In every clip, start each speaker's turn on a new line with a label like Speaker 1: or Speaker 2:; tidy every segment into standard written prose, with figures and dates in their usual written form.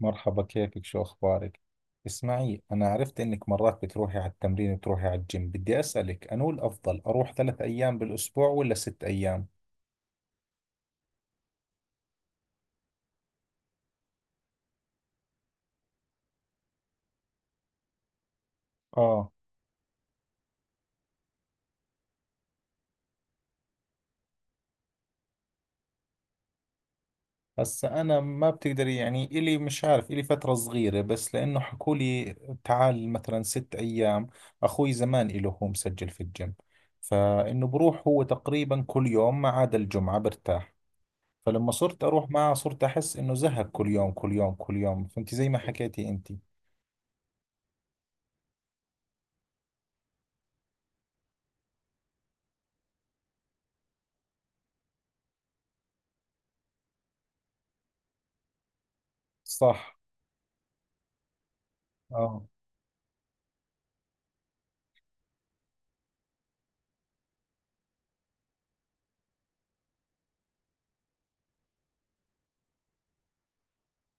Speaker 1: مرحبا، كيفك؟ شو أخبارك؟ اسمعي، أنا عرفت إنك مرات بتروحي على التمرين وتروحي على الجيم. بدي أسألك أنو الأفضل أروح 3 أيام بالأسبوع ولا 6 أيام؟ آه. هسا أنا ما بتقدري، يعني إلي مش عارف، إلي فترة صغيرة بس، لأنه حكولي تعال مثلا 6 أيام. أخوي زمان إله هو مسجل في الجيم، فإنه بروح هو تقريبا كل يوم ما عدا الجمعة برتاح. فلما صرت أروح معه صرت أحس إنه زهق كل يوم كل يوم كل يوم، فهمتي؟ زي ما حكيتي أنتي. صح. اه،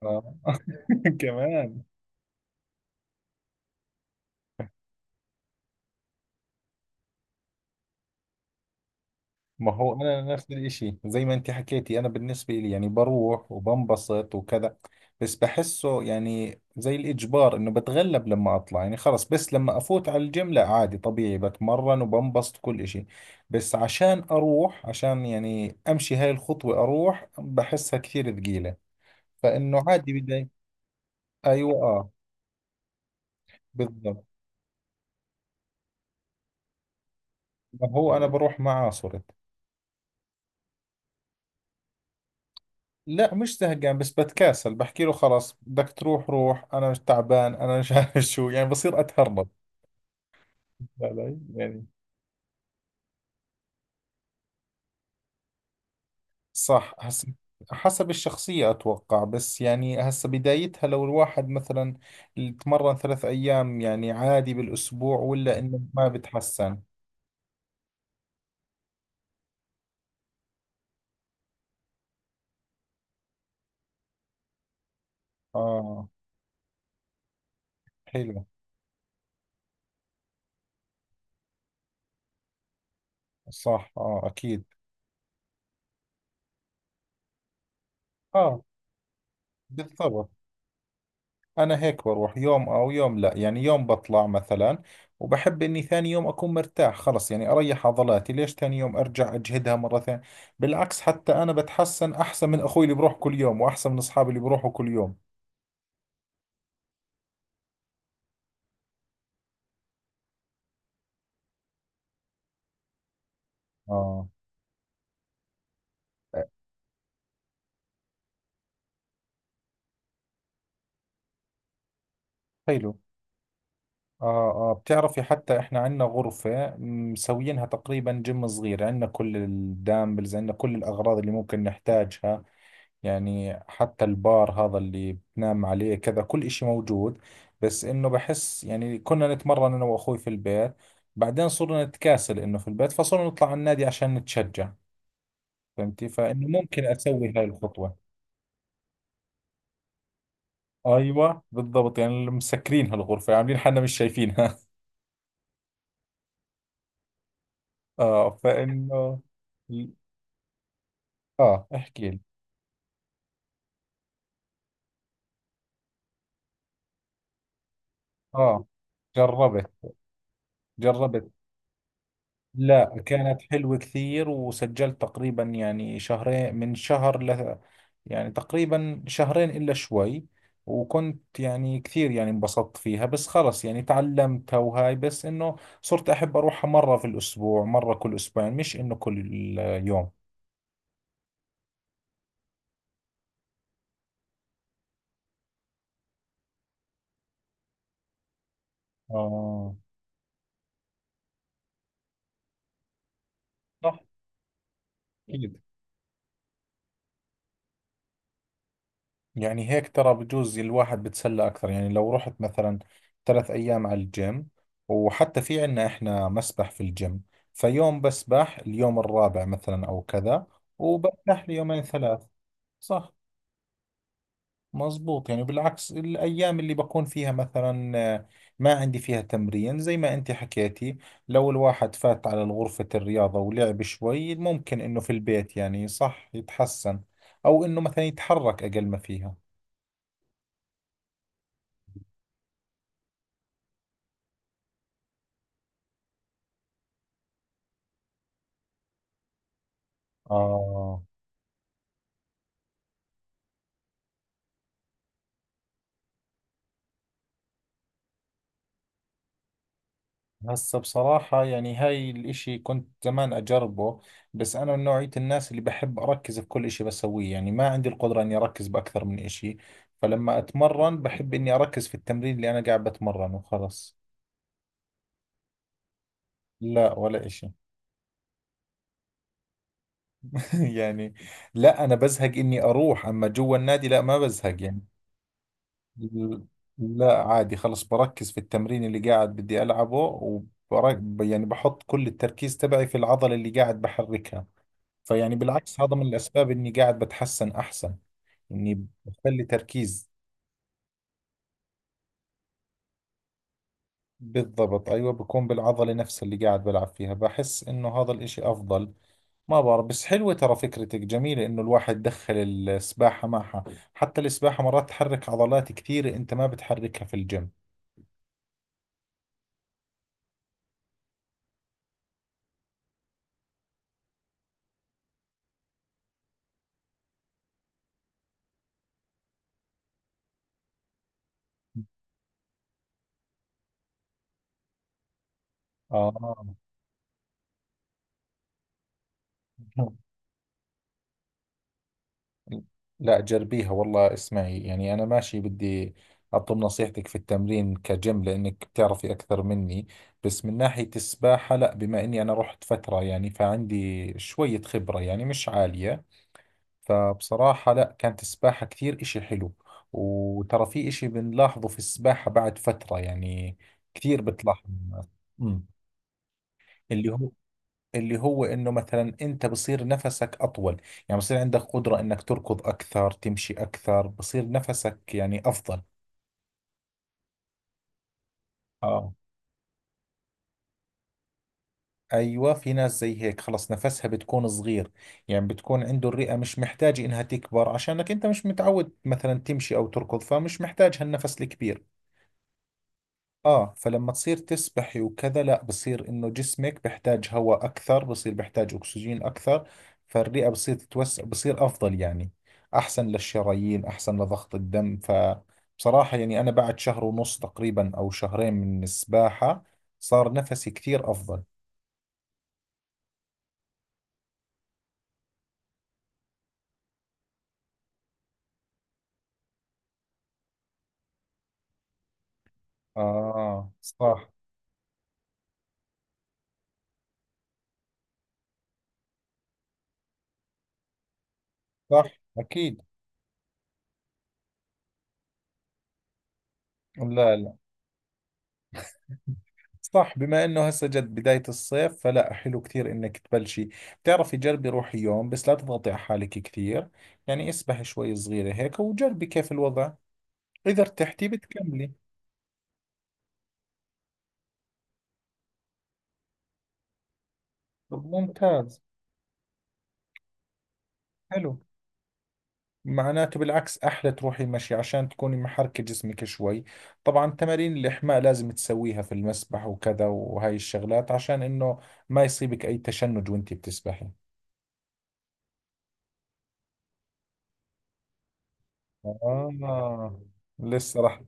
Speaker 1: اه. كمان. ما هو انا نفس الاشي زي ما انت حكيتي، انا بالنسبة لي يعني بروح وبنبسط وكذا. بس بحسه يعني زي الاجبار انه بتغلب لما اطلع يعني خلص. بس لما افوت على الجيم لا، عادي طبيعي، بتمرن وبنبسط كل اشي. بس عشان اروح، عشان يعني امشي هاي الخطوة اروح، بحسها كثير ثقيلة. فانه عادي بدي. ايوه، اه، بالضبط. ما هو انا بروح معاه صرت. لا، مش زهقان، بس بتكاسل، بحكي له خلاص بدك تروح روح، انا مش تعبان، انا مش عارف شو، يعني بصير اتهرب علي؟ يعني. صح. هسه حسب الشخصية أتوقع، بس يعني هسه بدايتها. لو الواحد مثلا تمرن 3 أيام يعني عادي بالأسبوع، ولا إنه ما بتحسن؟ آه، حلو. صح، آه، أكيد. آه، بالضبط. أنا هيك بروح يوم أو يوم لا، يعني يوم بطلع مثلا، وبحب إني ثاني يوم أكون مرتاح، خلص يعني أريح عضلاتي. ليش ثاني يوم أرجع أجهدها مرة ثانية؟ بالعكس، حتى أنا بتحسن أحسن من أخوي اللي بروح كل يوم، وأحسن من أصحابي اللي بروحوا كل يوم. اه، حلو. آه آه، بتعرفي حتى إحنا عندنا غرفة مسوينها تقريبا جيم صغير، عندنا كل الدامبلز، عندنا كل الأغراض اللي ممكن نحتاجها، يعني حتى البار هذا اللي بتنام عليه كذا، كل إشي موجود. بس إنه بحس يعني كنا نتمرن أنا وأخوي في البيت، بعدين صرنا نتكاسل إنه في البيت، فصرنا نطلع على النادي عشان نتشجع، فهمتي؟ فإنه ممكن أسوي هاي الخطوة. أيوة بالضبط، يعني اللي مسكرين هالغرفة عاملين حالنا مش شايفينها. آه، فإنه. آه، احكي لي. آه، جربت، جربت. لا، كانت حلوة كثير، وسجلت تقريبا يعني 2 شهر، من شهر ل، يعني تقريبا 2 شهر إلا شوي. وكنت يعني كثير، يعني انبسطت فيها، بس خلص يعني تعلمتها وهاي، بس إنه صرت أحب أروحها مرة في الأسبوع، مرة كل 2 أسبوع، مش إنه كل يوم. آه، صح، أكيد. يعني هيك ترى بجوز الواحد بتسلى أكثر، يعني لو رحت مثلا 3 أيام على الجيم، وحتى في عنا إحنا مسبح في الجيم، فيوم بسبح اليوم الرابع مثلا أو كذا، وبرتاح ل2 يوم 3. صح. مزبوط، يعني بالعكس الأيام اللي بكون فيها مثلا آه، ما عندي فيها تمرين، زي ما أنت حكيتي، لو الواحد فات على غرفة الرياضة ولعب شوي ممكن إنه في البيت يعني صح يتحسن، أو إنه مثلا يتحرك أقل ما فيها. آه. هسه بصراحة يعني هاي الاشي كنت زمان اجربه، بس انا من نوعية الناس اللي بحب اركز في كل اشي بسويه، يعني ما عندي القدرة اني اركز باكثر من اشي، فلما اتمرن بحب اني اركز في التمرين اللي انا قاعد بتمرنه وخلص. لا، ولا اشي. يعني لا، انا بزهق اني اروح، اما جوا النادي لا ما بزهق يعني. لا، عادي خلص، بركز في التمرين اللي قاعد بدي العبه وبرك يعني، بحط كل التركيز تبعي في العضلة اللي قاعد بحركها. فيعني بالعكس هذا من الأسباب إني قاعد بتحسن أحسن، إني بخلي تركيز. بالضبط، أيوة، بكون بالعضلة نفسها اللي قاعد بلعب فيها، بحس إنه هذا الإشي أفضل. ما بعرف، بس حلوة ترى فكرتك جميلة إنه الواحد دخل السباحة معها. حتى السباحة مرات تحرك عضلات كثيرة أنت ما بتحركها في الجيم. آه. لا، جربيها والله. اسمعي، يعني أنا ماشي بدي أطلب نصيحتك في التمرين كجيم لأنك بتعرفي أكثر مني، بس من ناحية السباحة لا، بما إني أنا رحت فترة يعني فعندي شوية خبرة، يعني مش عالية. فبصراحة لا، كانت السباحة كثير إشي حلو. وترى في إشي بنلاحظه في السباحة بعد فترة، يعني كثير بتلاحظ الناس. أمم. اللي هو اللي هو انه مثلا انت بصير نفسك اطول، يعني بصير عندك قدرة انك تركض اكثر، تمشي اكثر، بصير نفسك يعني افضل. اه. ايوه، في ناس زي هيك خلص نفسها بتكون صغير، يعني بتكون عنده الرئة مش محتاجة انها تكبر، عشانك انت مش متعود مثلا تمشي او تركض، فمش محتاج هالنفس الكبير. اه، فلما تصير تسبحي وكذا لا، بصير انه جسمك بحتاج هواء اكثر، بصير بحتاج اكسجين اكثر، فالرئة بصير تتوسع بصير افضل يعني. احسن للشرايين، احسن لضغط الدم. فبصراحة يعني انا بعد شهر ونص تقريبا او 2 شهر من السباحة صار نفسي كثير افضل. اه، صح، صح، اكيد. لا، لا. صح، بما انه هسه جد بداية الصيف، فلا حلو كثير انك تبلشي. بتعرفي، جربي روحي يوم بس لا تضغطي على حالك كثير، يعني اسبحي شوي صغيرة هيك وجربي كيف الوضع، اذا ارتحتي بتكملي. طب ممتاز. حلو، معناته بالعكس احلى تروحي مشي عشان تكوني محركة جسمك شوي. طبعا تمارين الاحماء لازم تسويها في المسبح وكذا وهاي الشغلات، عشان انه ما يصيبك اي تشنج وانتي بتسبحي. آه، لسه راح،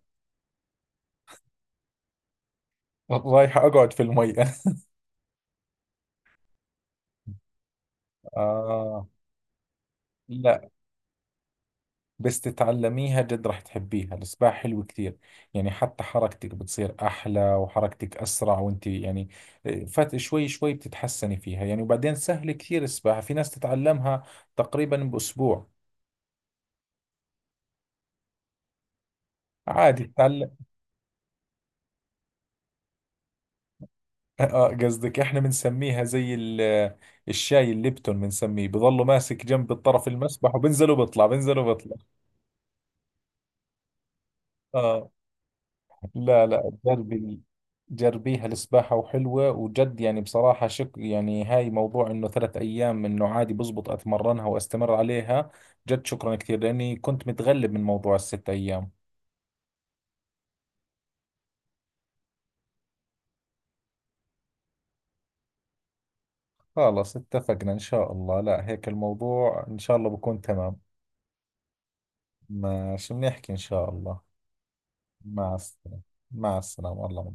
Speaker 1: رايح اقعد في المي. آه، لا، بس تتعلميها جد راح تحبيها. السباحة حلو كثير، يعني حتى حركتك بتصير أحلى، وحركتك أسرع، وانت يعني فات شوي شوي بتتحسني فيها يعني. وبعدين سهل كثير السباحة، في ناس تتعلمها تقريبا بأسبوع. عادي تتعلم. آه، قصدك احنا بنسميها زي الشاي الليبتون، بنسميه بضله ماسك جنب الطرف المسبح، وبنزل وبطلع بنزل وبطلع. اه، لا لا، جربي. جربيها السباحة، وحلوة وجد يعني. بصراحة شك، يعني هاي موضوع انه 3 ايام انه عادي بزبط، اتمرنها واستمر عليها. جد شكرا كثير، لاني كنت متغلب من موضوع ال6 ايام. خلاص اتفقنا ان شاء الله، لا هيك الموضوع ان شاء الله بكون تمام. ماشي، بنحكي ان شاء الله. مع السلامة. مع السلامة الله.